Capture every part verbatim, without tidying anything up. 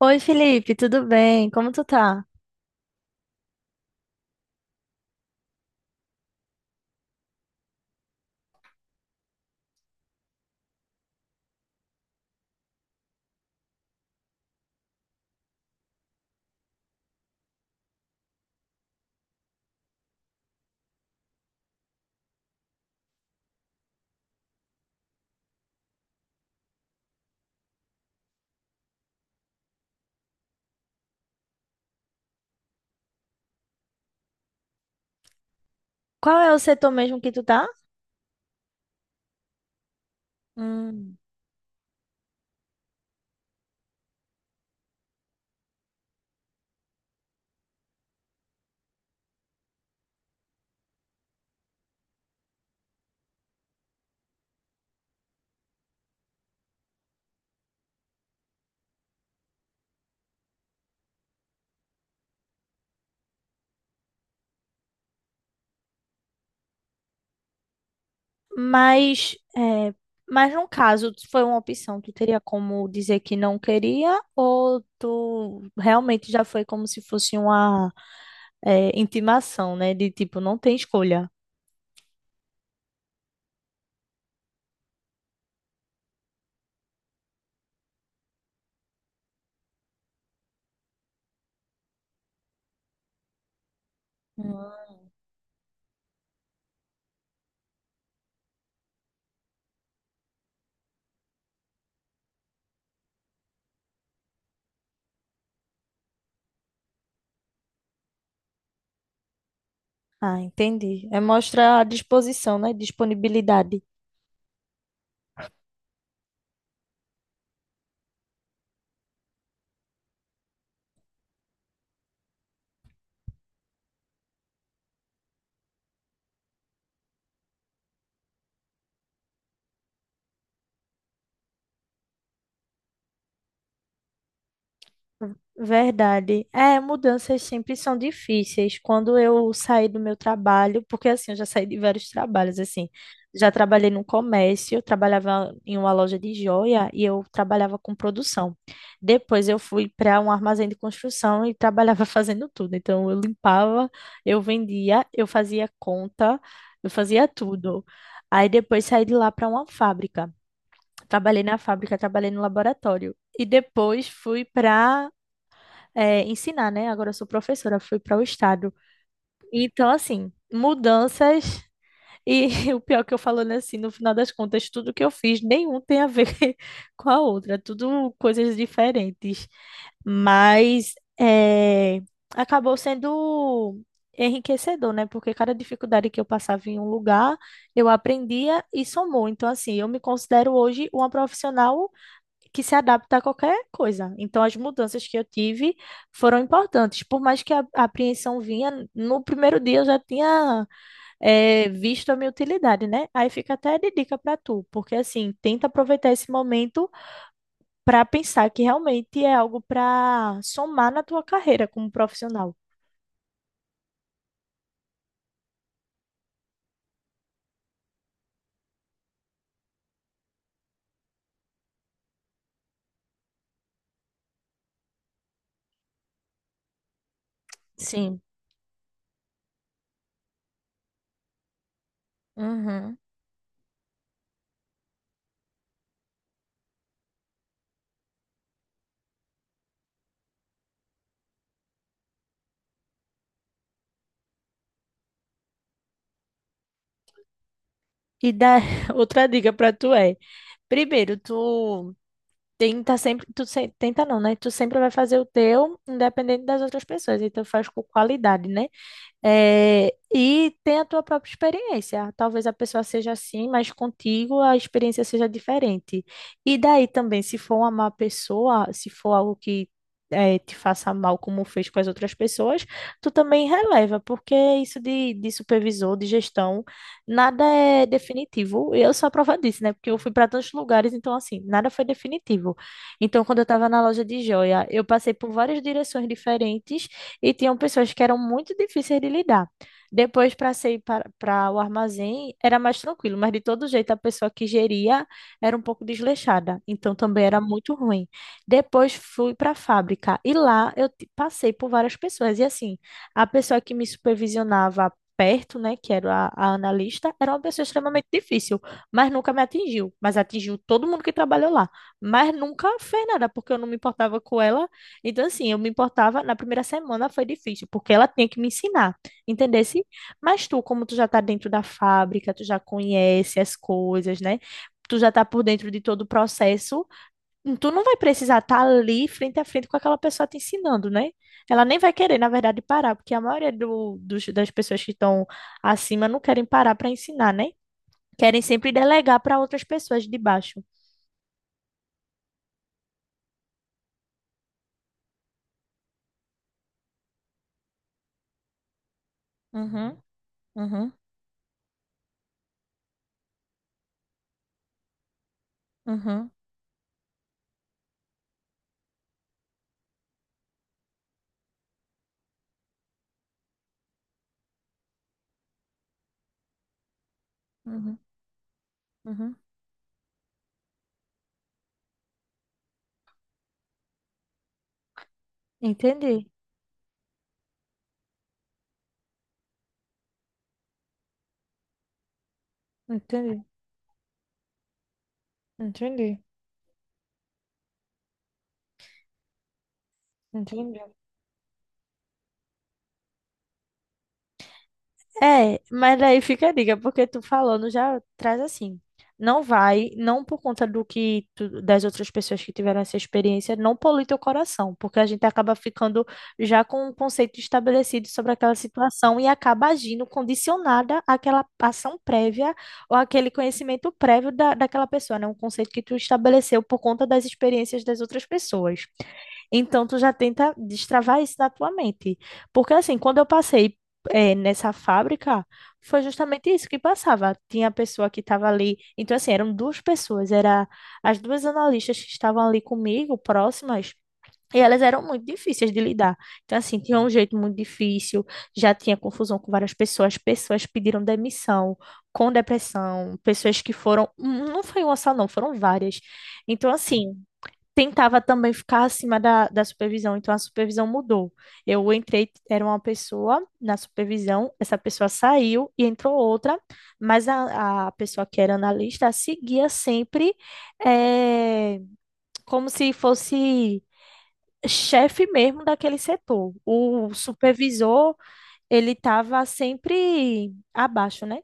Oi, Felipe, tudo bem? Como tu tá? Qual é o setor mesmo que tu tá? Hum. Mas, é, mas no caso, foi uma opção? Tu teria como dizer que não queria, ou tu realmente já foi como se fosse uma, é, intimação, né? De tipo, não tem escolha. Hum. Ah, entendi. É mostrar a disposição, né? Disponibilidade. Verdade. É, mudanças sempre são difíceis. Quando eu saí do meu trabalho, porque assim, eu já saí de vários trabalhos, assim. Já trabalhei no comércio, eu trabalhava em uma loja de joia e eu trabalhava com produção. Depois eu fui para um armazém de construção e trabalhava fazendo tudo. Então eu limpava, eu vendia, eu fazia conta, eu fazia tudo. Aí depois saí de lá para uma fábrica. Trabalhei na fábrica, trabalhei no laboratório. E depois fui para é, ensinar, né? Agora eu sou professora, fui para o estado. Então, assim, mudanças. E o pior que eu falando assim, no final das contas, tudo que eu fiz, nenhum tem a ver com a outra, tudo coisas diferentes. Mas é, acabou sendo enriquecedor, né? Porque cada dificuldade que eu passava em um lugar, eu aprendia e somou. Então, assim, eu me considero hoje uma profissional que se adapta a qualquer coisa. Então, as mudanças que eu tive foram importantes. Por mais que a a apreensão vinha, no primeiro dia eu já tinha eh, visto a minha utilidade, né? Aí fica até de dica para tu, porque assim, tenta aproveitar esse momento para pensar que realmente é algo para somar na tua carreira como profissional. Sim. Uhum. E da outra dica para tu é, primeiro, tu tenta sempre, tu se- tenta não, né? Tu sempre vai fazer o teu, independente das outras pessoas. Então faz com qualidade, né? É, e tem a tua própria experiência. Talvez a pessoa seja assim, mas contigo a experiência seja diferente. E daí também, se for uma má pessoa, se for algo que eh, te faça mal, como fez com as outras pessoas, tu também releva, porque isso de, de supervisor, de gestão, nada é definitivo. Eu sou a prova disso, né? Porque eu fui para tantos lugares, então, assim, nada foi definitivo. Então, quando eu estava na loja de joia, eu passei por várias direções diferentes e tinham pessoas que eram muito difíceis de lidar. Depois, para sair para o armazém, era mais tranquilo, mas de todo jeito a pessoa que geria era um pouco desleixada, então também era muito ruim. Depois fui para a fábrica e lá eu ti- passei por várias pessoas, e assim, a pessoa que me supervisionava perto, né, que era a, a analista, era uma pessoa extremamente difícil, mas nunca me atingiu, mas atingiu todo mundo que trabalhou lá. Mas nunca fez nada, porque eu não me importava com ela. Então, assim, eu me importava, na primeira semana foi difícil, porque ela tinha que me ensinar, entendesse? Mas tu, como tu já tá dentro da fábrica, tu já conhece as coisas, né? Tu já tá por dentro de todo o processo, tu não vai precisar estar ali frente a frente com aquela pessoa te ensinando, né? Ela nem vai querer, na verdade, parar, porque a maioria do, dos, das pessoas que estão acima não querem parar para ensinar, né? Querem sempre delegar para outras pessoas de baixo. Uhum, uhum, uhum, uhum, uhum. Entendi, entendi. Entendi, entendi. É, mas daí fica a dica, porque tu falando já traz assim. Não vai, não, por conta do que tu- das outras pessoas que tiveram essa experiência. Não polui teu coração, porque a gente acaba ficando já com um conceito estabelecido sobre aquela situação e acaba agindo condicionada àquela ação prévia ou àquele conhecimento prévio da, daquela pessoa, né? Um conceito que tu estabeleceu por conta das experiências das outras pessoas. Então, tu já tenta destravar isso na tua mente. Porque, assim, quando eu passei, eh, nessa fábrica, foi justamente isso que passava. Tinha a pessoa que estava ali. Então, assim, eram duas pessoas. Era as duas analistas que estavam ali comigo, próximas. E elas eram muito difíceis de lidar. Então, assim, tinha um jeito muito difícil, já tinha confusão com várias pessoas, pessoas pediram demissão, com depressão, pessoas que foram. Não foi uma só, não, foram várias. Então, assim, tentava também ficar acima da, da supervisão, então a supervisão mudou. Eu entrei, era uma pessoa na supervisão, essa pessoa saiu e entrou outra, mas a, a pessoa que era analista seguia sempre eh, como se fosse chefe mesmo daquele setor. O supervisor, ele estava sempre abaixo, né?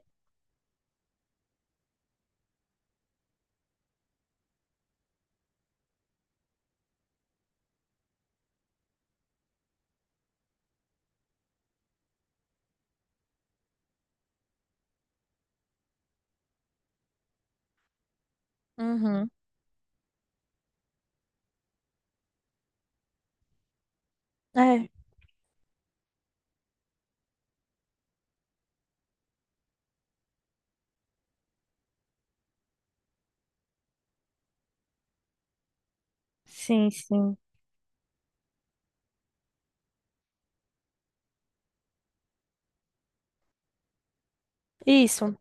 Uhum. É, sim, sim. Isso.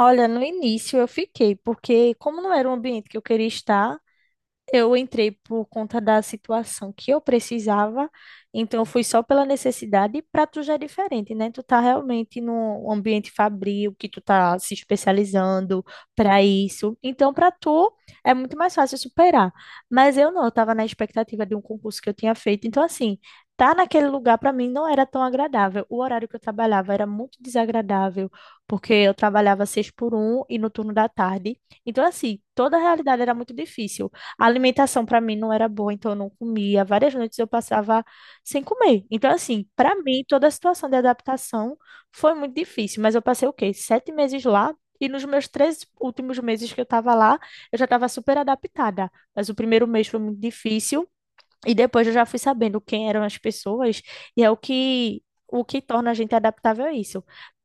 Olha, no início eu fiquei, porque como não era um ambiente que eu queria estar, eu entrei por conta da situação que eu precisava, então eu fui só pela necessidade. E para tu já é diferente, né? Tu tá realmente num ambiente fabril, que tu tá se especializando para isso. Então, para tu é muito mais fácil superar. Mas eu não, eu tava na expectativa de um concurso que eu tinha feito. Então, assim, tá naquele lugar para mim não era tão agradável. O horário que eu trabalhava era muito desagradável, porque eu trabalhava seis por um e no turno da tarde. Então, assim, toda a realidade era muito difícil. A alimentação para mim não era boa, então eu não comia. Várias noites eu passava sem comer. Então, assim, para mim, toda a situação de adaptação foi muito difícil. Mas eu passei o quê? Sete meses lá. E nos meus três últimos meses que eu estava lá, eu já estava super adaptada. Mas o primeiro mês foi muito difícil. E depois eu já fui sabendo quem eram as pessoas. E é o que, o que torna a gente adaptável a isso.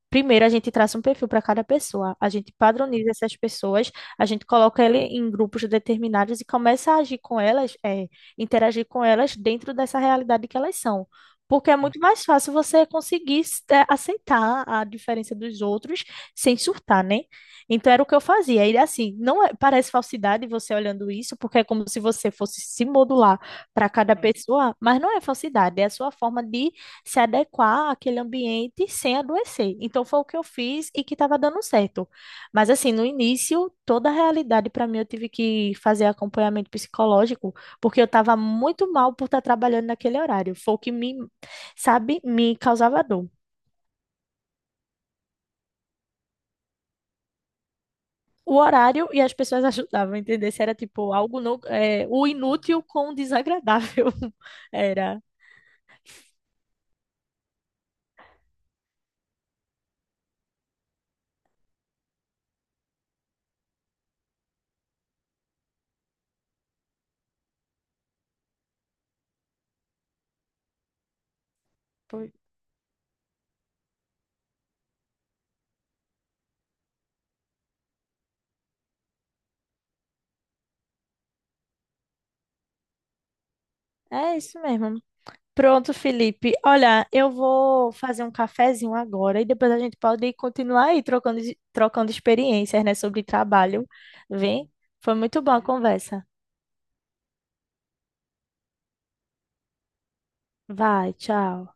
Primeiro, a gente traça um perfil para cada pessoa, a gente padroniza essas pessoas, a gente coloca ele em grupos determinados e começa a agir com elas, é, interagir com elas dentro dessa realidade que elas são. Porque é muito mais fácil você conseguir s- é, aceitar a diferença dos outros sem surtar, né? Então era o que eu fazia. E assim, não é- parece falsidade você olhando isso, porque é como se você fosse se modular para cada pessoa, mas não é falsidade, é a sua forma de se adequar àquele ambiente sem adoecer. Então foi o que eu fiz e que estava dando certo. Mas assim, no início, toda a realidade para mim, eu tive que fazer acompanhamento psicológico, porque eu estava muito mal por estar trabalhando naquele horário. Foi o que me, sabe, me causava dor. O horário e as pessoas ajudavam a entender se era tipo algo não, é, o inútil com o desagradável. Era. Foi- É isso mesmo. Pronto, Felipe. Olha, eu vou fazer um cafezinho agora e depois a gente pode continuar aí trocando, trocando experiências, né, sobre trabalho. Vem? Foi muito boa a conversa. Vai, tchau.